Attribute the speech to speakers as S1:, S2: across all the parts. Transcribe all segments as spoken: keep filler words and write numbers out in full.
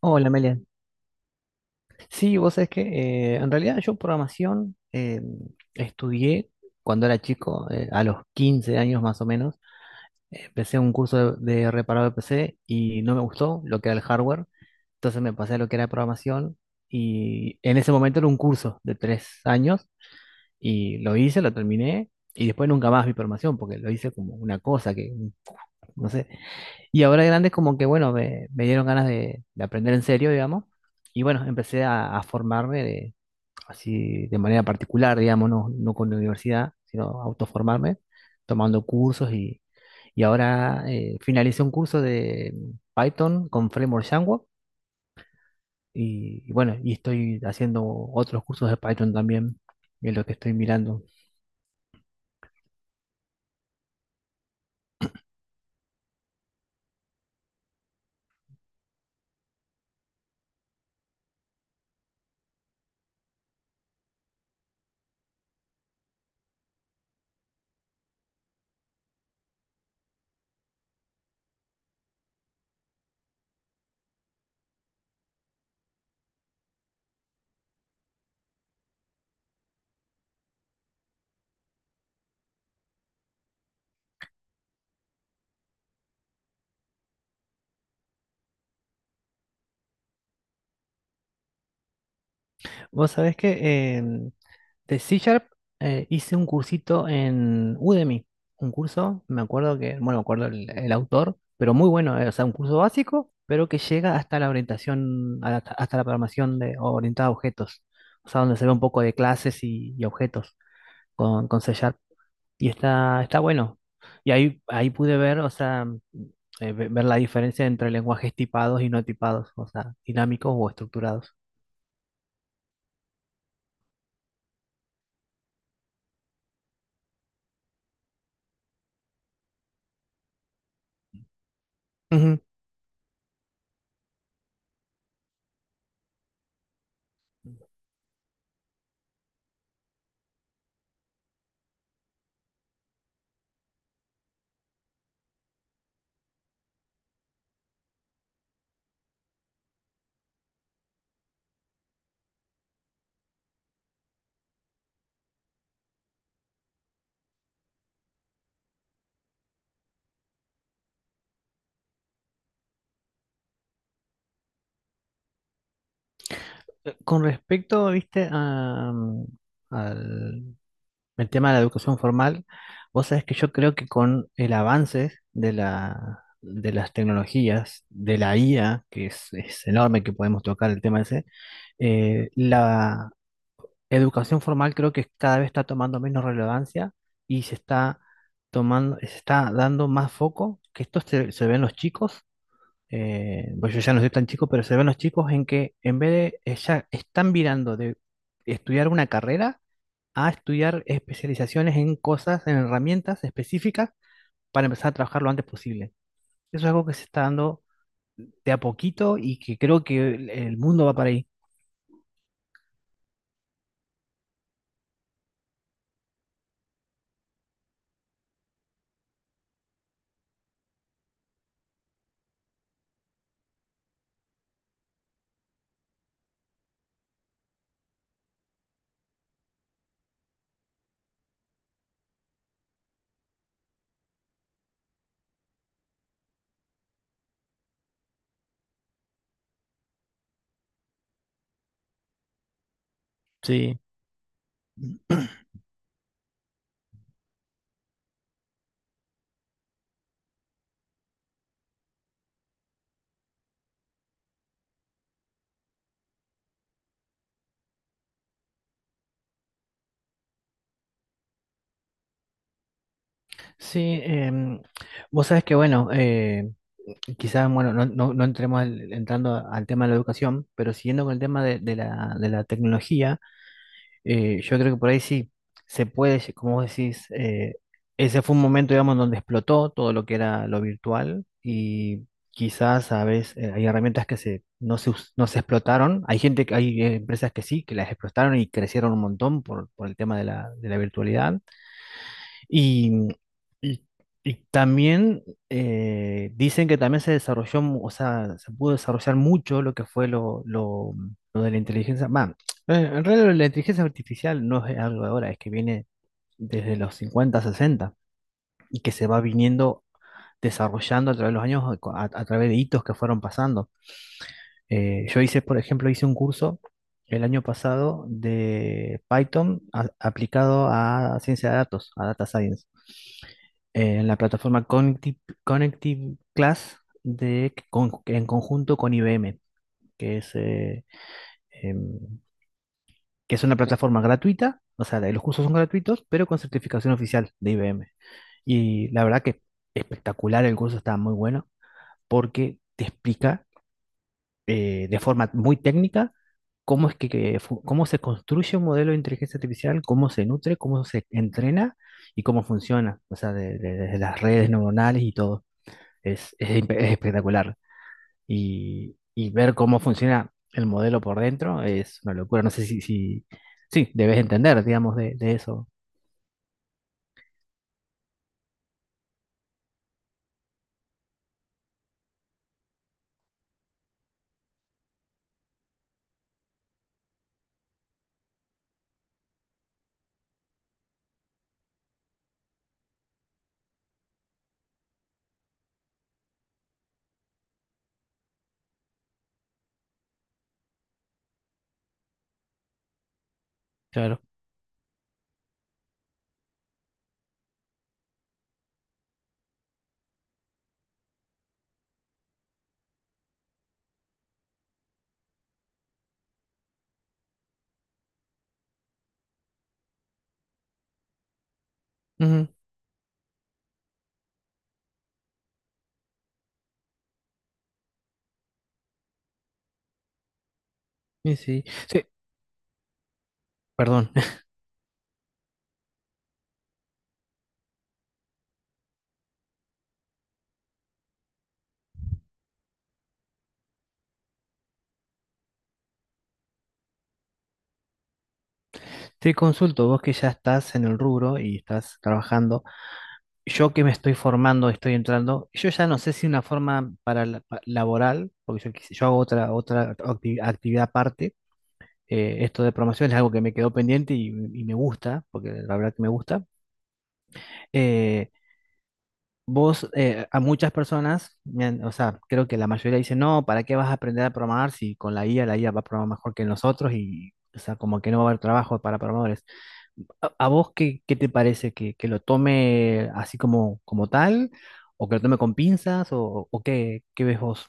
S1: Hola, Melian. Sí, vos sabés que eh, en realidad yo programación eh, estudié cuando era chico, eh, a los quince años más o menos. Empecé un curso de, de reparado de P C y no me gustó lo que era el hardware. Entonces me pasé a lo que era programación y en ese momento era un curso de tres años y lo hice, lo terminé y después nunca más vi programación porque lo hice como una cosa que, no sé. Y ahora de grande como que, bueno, me, me dieron ganas de, de aprender en serio, digamos. Y bueno, empecé a, a formarme de, así de manera particular, digamos, no, no con la universidad, sino autoformarme, tomando cursos y, y ahora eh, finalicé un curso de Python con Framework Django y, y bueno, y estoy haciendo otros cursos de Python también, en lo que estoy mirando. Vos sabés que em, de C Sharp eh, hice un cursito en Udemy. Un curso, me acuerdo que, bueno, me acuerdo el, el autor, pero muy bueno. Eh, o sea, un curso básico, pero que llega hasta la orientación, a- la- hasta la programación de, orientada a objetos. O sea, donde se ve un poco de clases y, y objetos con, con C Sharp. Y está, está bueno. Y ahí, ahí pude ver, o sea, eh, ve- ver la diferencia entre lenguajes tipados y no tipados, o sea, dinámicos o estructurados. Con respecto, viste, a, mm, al el tema de la educación formal, vos sabés que yo creo que con el avance de la, de las tecnologías, de la I A, que es, es enorme que podemos tocar el tema ese, eh, la educación formal creo que cada vez está tomando menos relevancia y se está tomando, se está dando más foco, que esto se, se ve en los chicos, eh, pues yo ya no soy tan chico, pero se ven los chicos en que en vez de ella están virando de estudiar una carrera a estudiar especializaciones en cosas, en herramientas específicas para empezar a trabajar lo antes posible. Eso es algo que se está dando de a poquito y que creo que el el mundo va para ahí. Sí, sí, em, vos sabés que bueno, eh, quizás bueno, no, no- no entremos al- entrando al tema de la educación, pero siguiendo con el tema de, de la, de la tecnología. Eh, yo creo que por ahí sí se puede, lle- como vos decís, eh, ese fue un momento, digamos, donde explotó todo lo que era lo virtual y quizás a veces eh, hay herramientas que se, no se, us- no se explotaron. Hay gente, que- hay eh, empresas que sí, que las explotaron y crecieron un montón por, por el tema de la, de la virtualidad. Y, y, y también eh, dicen que también se desarrolló, mu- o sea, se pudo desarrollar mucho lo que fue lo, lo, lo de la inteligencia. Bah, eh, en realidad la inteligencia artificial no es algo de ahora, es que viene desde los cincuenta sesenta y que se va viniendo desarrollando a través de los años, a, a través de hitos que fueron pasando. Eh, yo hice, por ejemplo, hice un curso el año pasado de Python a- aplicado a ciencia de datos, a data science, eh, en la plataforma Connective, Connective Class de, con- en conjunto con I B M, que es, eh, em, que es una plataforma gratuita, o sea, los cursos son gratuitos, pero con certificación oficial de I B M. Y la verdad que espectacular, el curso está muy bueno porque te explica eh, de forma muy técnica cómo es que, que fu- cómo se construye un modelo de inteligencia artificial, cómo se nutre, cómo se entrena y cómo funciona, o sea, de- de- desde las redes neuronales y todo. Es, es impe- es espectacular. Y, y ver cómo funciona el modelo por dentro es una locura. No sé si, si sí, debes entender, digamos, de, de eso. Claro. Ujú. Y sí, sí, perdón. Te consulto, vos que ya estás en el rubro y estás trabajando. Yo que me estoy formando, estoy entrando, yo ya no sé si una forma para la- pa- laboral, porque yo, quise- yo hago otra, otra acti- actividad aparte, eh, esto de programación es algo que me quedó pendiente y, y me gusta, porque la verdad que me gusta. Eh, Vos, eh, a muchas personas, me han- o sea, creo que la mayoría dice, no, ¿para qué vas a aprender a programar si con la I A, la I A va a programar mejor que nosotros y, o sea, como que no va a haber trabajo para programadores? ¿A a vos qué, qué te parece? ¿Que, que lo tome así como, como tal? ¿O que lo tome con pinzas? ¿O, o qué, qué ves vos?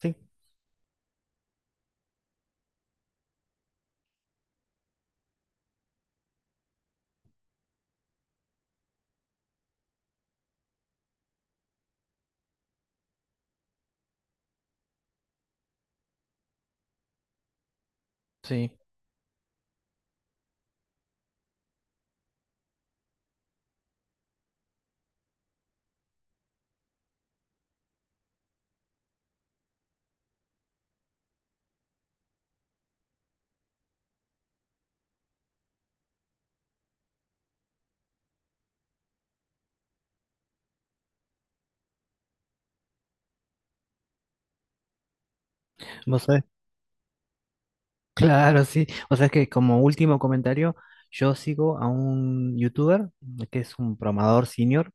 S1: Sí, sí. Vos sabés. Claro, sí. O sea, es que como último comentario, yo sigo a un youtuber eh, que es un programador senior,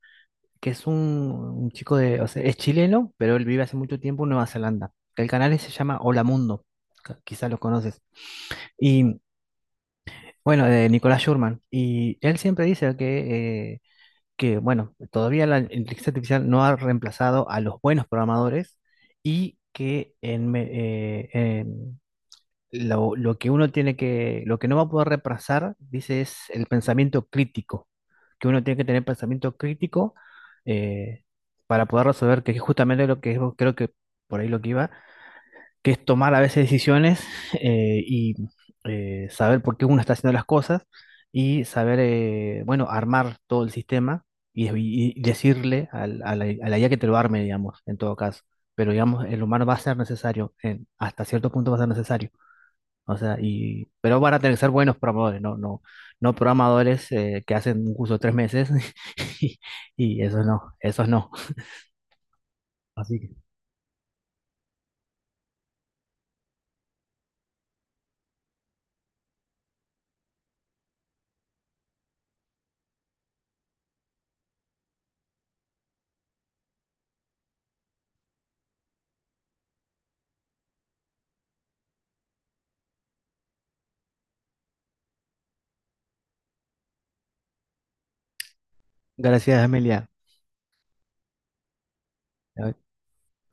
S1: que es un, un chico de, o sea, es chileno, pero él vive hace mucho tiempo en Nueva Zelanda. El canal se llama Hola Mundo, ca- quizás lo conoces. Y bueno, de Nicolás Schurman. Y él siempre dice que… eh, que, bueno, todavía la inteligencia artificial no ha reemplazado a los buenos programadores y que en me- eh, en lo, lo que uno tiene que, lo que no va a poder reemplazar, dice, es el pensamiento crítico, que uno tiene que tener pensamiento crítico eh, para poder resolver, que es justamente lo que es- creo que por ahí lo que iba, que es tomar a veces decisiones eh, y eh, saber por qué uno está haciendo las cosas y saber, eh, bueno, armar todo el sistema y, y decirle al, a la, a la I A que te lo arme, digamos, en todo caso. Pero, digamos, el humano va a ser necesario, en- hasta cierto punto va a ser necesario. O sea, y, pero van a tener que ser buenos programadores, no, no, no programadores eh, que hacen un curso de tres meses y, y eso no, eso no. Así que, gracias, Amelia.